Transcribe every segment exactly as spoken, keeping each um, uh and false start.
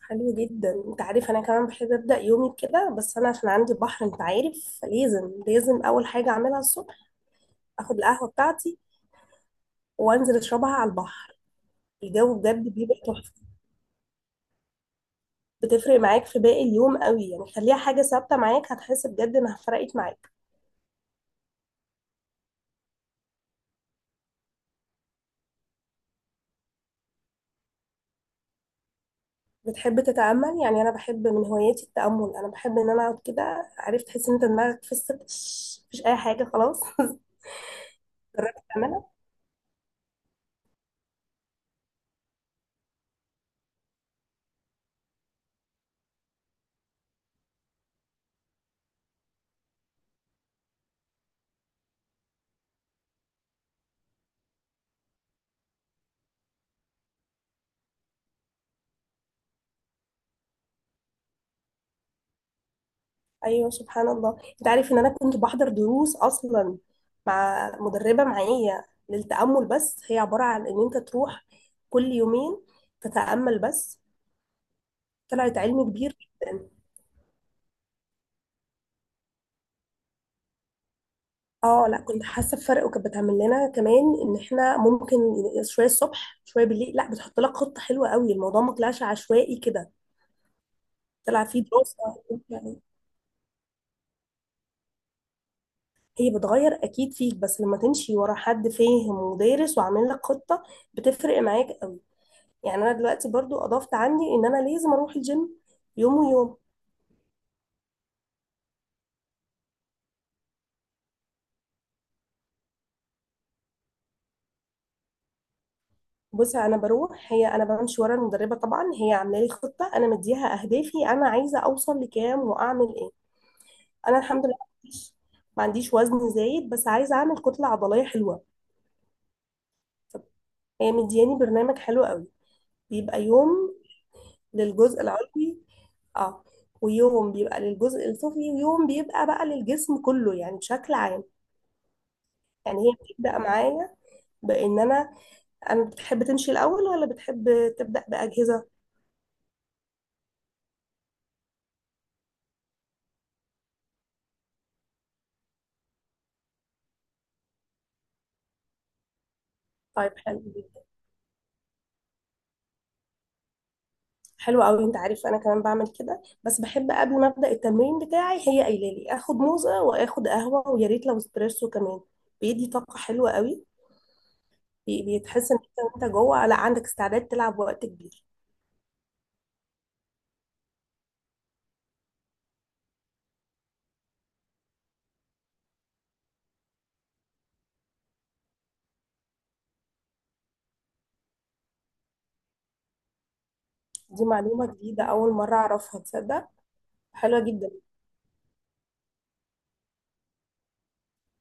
حلو جدا. انت عارف انا كمان بحب ابدا يومي كده، بس انا عشان عندي بحر. انت عارف لازم لازم اول حاجه اعملها الصبح اخد القهوه بتاعتي وانزل اشربها على البحر. الجو بجد بيبقى تحفه، بتفرق معاك في باقي اليوم قوي. يعني خليها حاجه ثابته معاك، هتحس بجد انها فرقت معاك. بتحب تتامل؟ يعني انا بحب من هواياتي التامل، انا بحب ان انا اقعد كده. عرفت؟ تحس ان انت دماغك فصلت، مفيش اي حاجه خلاص. جربت تعملها؟ ايوه، سبحان الله. انت عارف ان انا كنت بحضر دروس اصلا مع مدربه معايا للتامل، بس هي عباره عن ان انت تروح كل يومين تتامل بس. طلعت علم كبير جدا. اه، لا كنت حاسه بفرق، وكانت بتعمل لنا كمان ان احنا ممكن شويه الصبح شويه بالليل. لا، بتحط لك خطه حلوه قوي، الموضوع ما طلعش عشوائي كده، طلع فيه دراسه. هي بتغير اكيد فيك، بس لما تمشي ورا حد فاهم ودارس وعامل لك خطه بتفرق معاك. يعني انا دلوقتي برضو اضفت عندي ان انا لازم اروح الجيم يوم ويوم. بصي، انا بروح، هي انا بمشي ورا المدربه طبعا. هي عامله لي خطه، انا مديها اهدافي، انا عايزه اوصل لكام واعمل ايه. انا الحمد لله ما عنديش، ما عنديش وزن زايد، بس عايزه اعمل كتله عضليه حلوه. هي مدياني برنامج حلو قوي، بيبقى يوم للجزء العلوي. اه. ويوم بيبقى للجزء السفلي، ويوم بيبقى بقى للجسم كله يعني بشكل عام. يعني هي بتبدأ معايا بان انا، أنا بتحب تمشي الأول ولا بتحب تبدأ بأجهزة؟ طيب، حلو جدا. حلو أوي. أنت عارف أنا كمان بعمل كده، بس بحب قبل ما أبدأ التمرين بتاعي، هي قايلة لي آخد موزة وآخد قهوة، ويا ريت لو اسبريسو كمان. بيدي طاقة حلوة أوي، بي- بتحس إن أنت وأنت جوه، لا عندك استعداد تلعب وقت كبير. دي معلومة جديدة، أول مرة أعرفها، تصدق؟ حلوة جدا.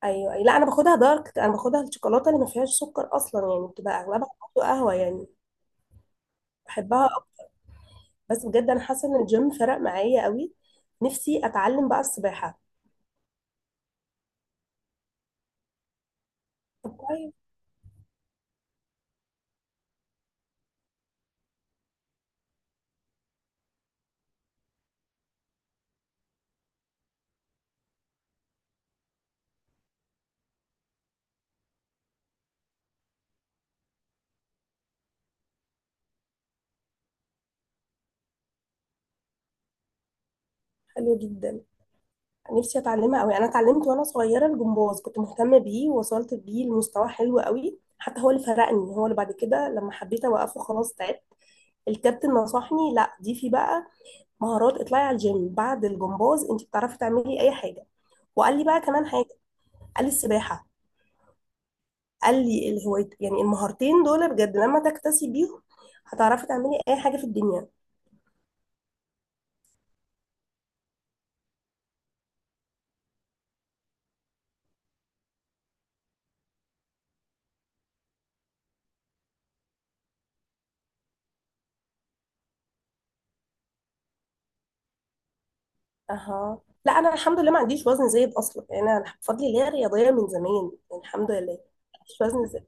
أيوه، أيوة. لا، أنا باخدها دارك، أنا باخدها الشوكولاتة اللي ما فيهاش سكر أصلا، يعني بتبقى أغلبها قهوة يعني. بحبها. بس بجد انا حاسه ان الجيم فرق معايا قوي. نفسي اتعلم بقى السباحه. طيب، حلو جدا. نفسي اتعلمها قوي. انا اتعلمت وانا صغيره الجمباز، كنت مهتمه بيه ووصلت بيه لمستوى حلو قوي، حتى هو اللي فرقني، هو اللي بعد كده لما حبيت اوقفه خلاص تعبت. الكابتن نصحني، لا دي في بقى مهارات. اطلعي على الجيم بعد الجمباز، انت بتعرفي تعملي اي حاجه. وقال لي بقى كمان حاجه، قال لي السباحه. قال لي الهواية، يعني المهارتين دول بجد لما تكتسي بيهم هتعرفي تعملي اي حاجه في الدنيا. اها، لا انا الحمد لله ما عنديش وزن زايد اصلا، يعني انا بفضل اللي هي رياضيه من زمان، يعني الحمد لله ما عنديش وزن زايد.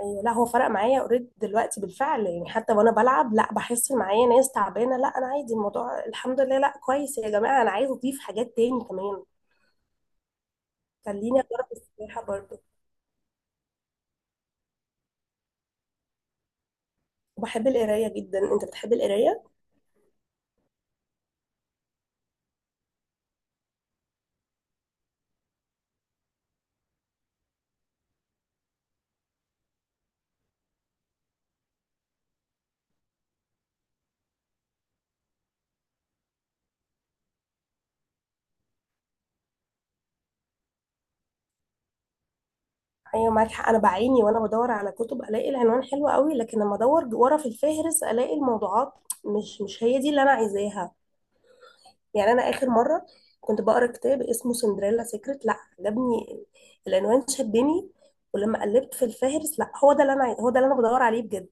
ايوه، لا هو فرق معايا اوريدي دلوقتي بالفعل، يعني حتى وانا بلعب لا بحس إن معايا ناس تعبانه، لا انا عادي الموضوع الحمد لله. لا كويس يا جماعه، انا عايزه اضيف حاجات تاني كمان، خليني اجرب السباحه برضه. وبحب القرايه جدا، انت بتحب القرايه؟ ايوه، معاك حق. انا بعاني وانا بدور على كتب، الاقي العنوان حلو قوي، لكن لما ادور ورا في الفهرس الاقي الموضوعات مش مش هي دي اللي انا عايزاها. يعني انا اخر مره كنت بقرا كتاب اسمه سندريلا سيكريت، لا عجبني العنوان، شدني. ولما قلبت في الفهرس، لا هو ده اللي انا عاي- هو ده اللي انا بدور عليه بجد.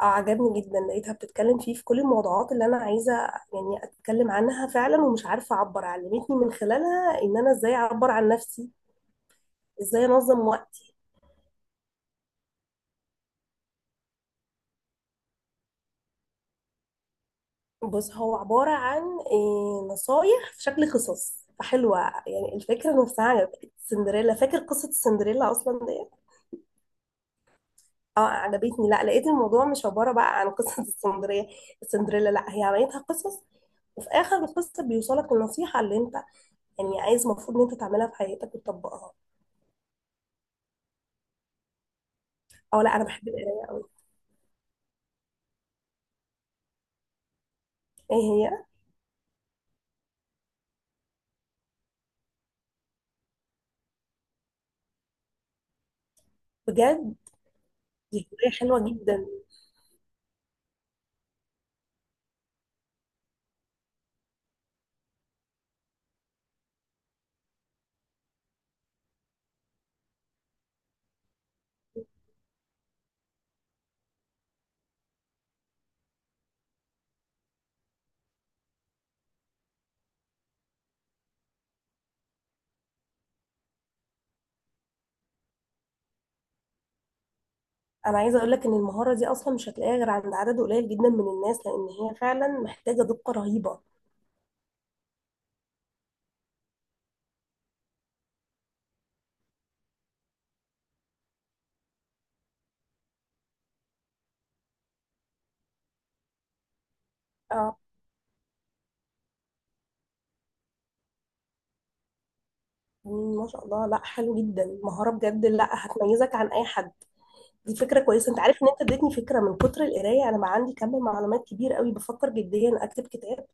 اه، عجبني جدا. لقيتها بتتكلم فيه في كل الموضوعات اللي انا عايزه، يعني اتكلم عنها فعلا. ومش عارفه اعبر، علمتني من خلالها ان انا ازاي اعبر عن نفسي، ازاي انظم وقتي. بص، هو عباره عن إيه، نصايح في شكل قصص فحلوة. يعني الفكرة نفسها عجبتني. سندريلا، فاكر قصة السندريلا أصلا؟ اه، عجبتني. لا لقيت الموضوع مش عبارة بقى عن قصة السندرية، السندريلا، لا هي عملتها قصص. وفي آخر القصة بيوصلك النصيحة اللي انت يعني عايز، المفروض ان انت تعملها في حياتك وتطبقها. اه لا، انا بحب القراية. ايه هي؟ بجد، دي هواية حلوة جدا. انا عايزة اقول لك ان المهارة دي اصلا مش هتلاقيها غير عند عدد قليل جدا من الناس، لان هي فعلا محتاجة دقة رهيبة. اه، ما شاء الله. لا حلو جدا، مهارة بجد، لا هتميزك عن اي حد. دي فكرة كويسة، انت عارف ان انت اديتني فكرة. من كتر القراية انا بقى عندي كم معلومات كبير قوي، بفكر جديا اكتب كتاب.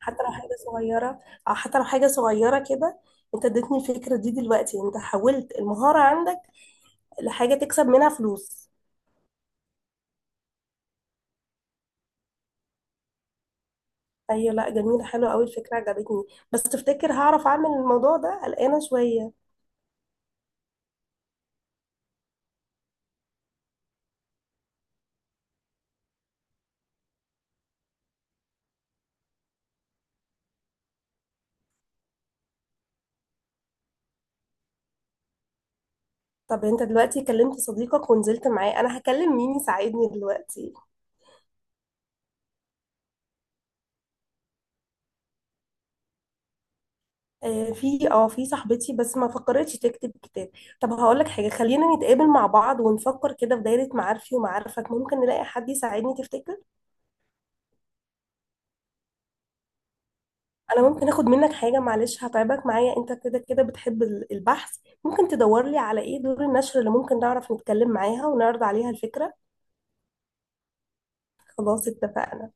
حتى لو حاجة صغيرة، او حتى لو حاجة صغيرة كده. انت اديتني الفكرة دي دلوقتي، انت حولت المهارة عندك لحاجة تكسب منها فلوس. ايوه، لا جميلة، حلوة قوي الفكرة، عجبتني. بس تفتكر هعرف اعمل الموضوع ده؟ قلقانة شوية. طب انت دلوقتي كلمت صديقك ونزلت معاه، انا هكلم مين يساعدني دلوقتي؟ آه، في اه في صاحبتي، بس ما فكرتش تكتب كتاب. طب هقول لك حاجه، خلينا نتقابل مع بعض ونفكر كده في دايره معارفي ومعارفك، ممكن نلاقي حد يساعدني، تفتكر؟ انا ممكن اخد منك حاجه، معلش هتعبك معايا، انت كده كده بتحب ال- البحث. ممكن تدور لي على ايه دور النشر اللي ممكن نعرف نتكلم معاها ونعرض عليها الفكره. خلاص، اتفقنا.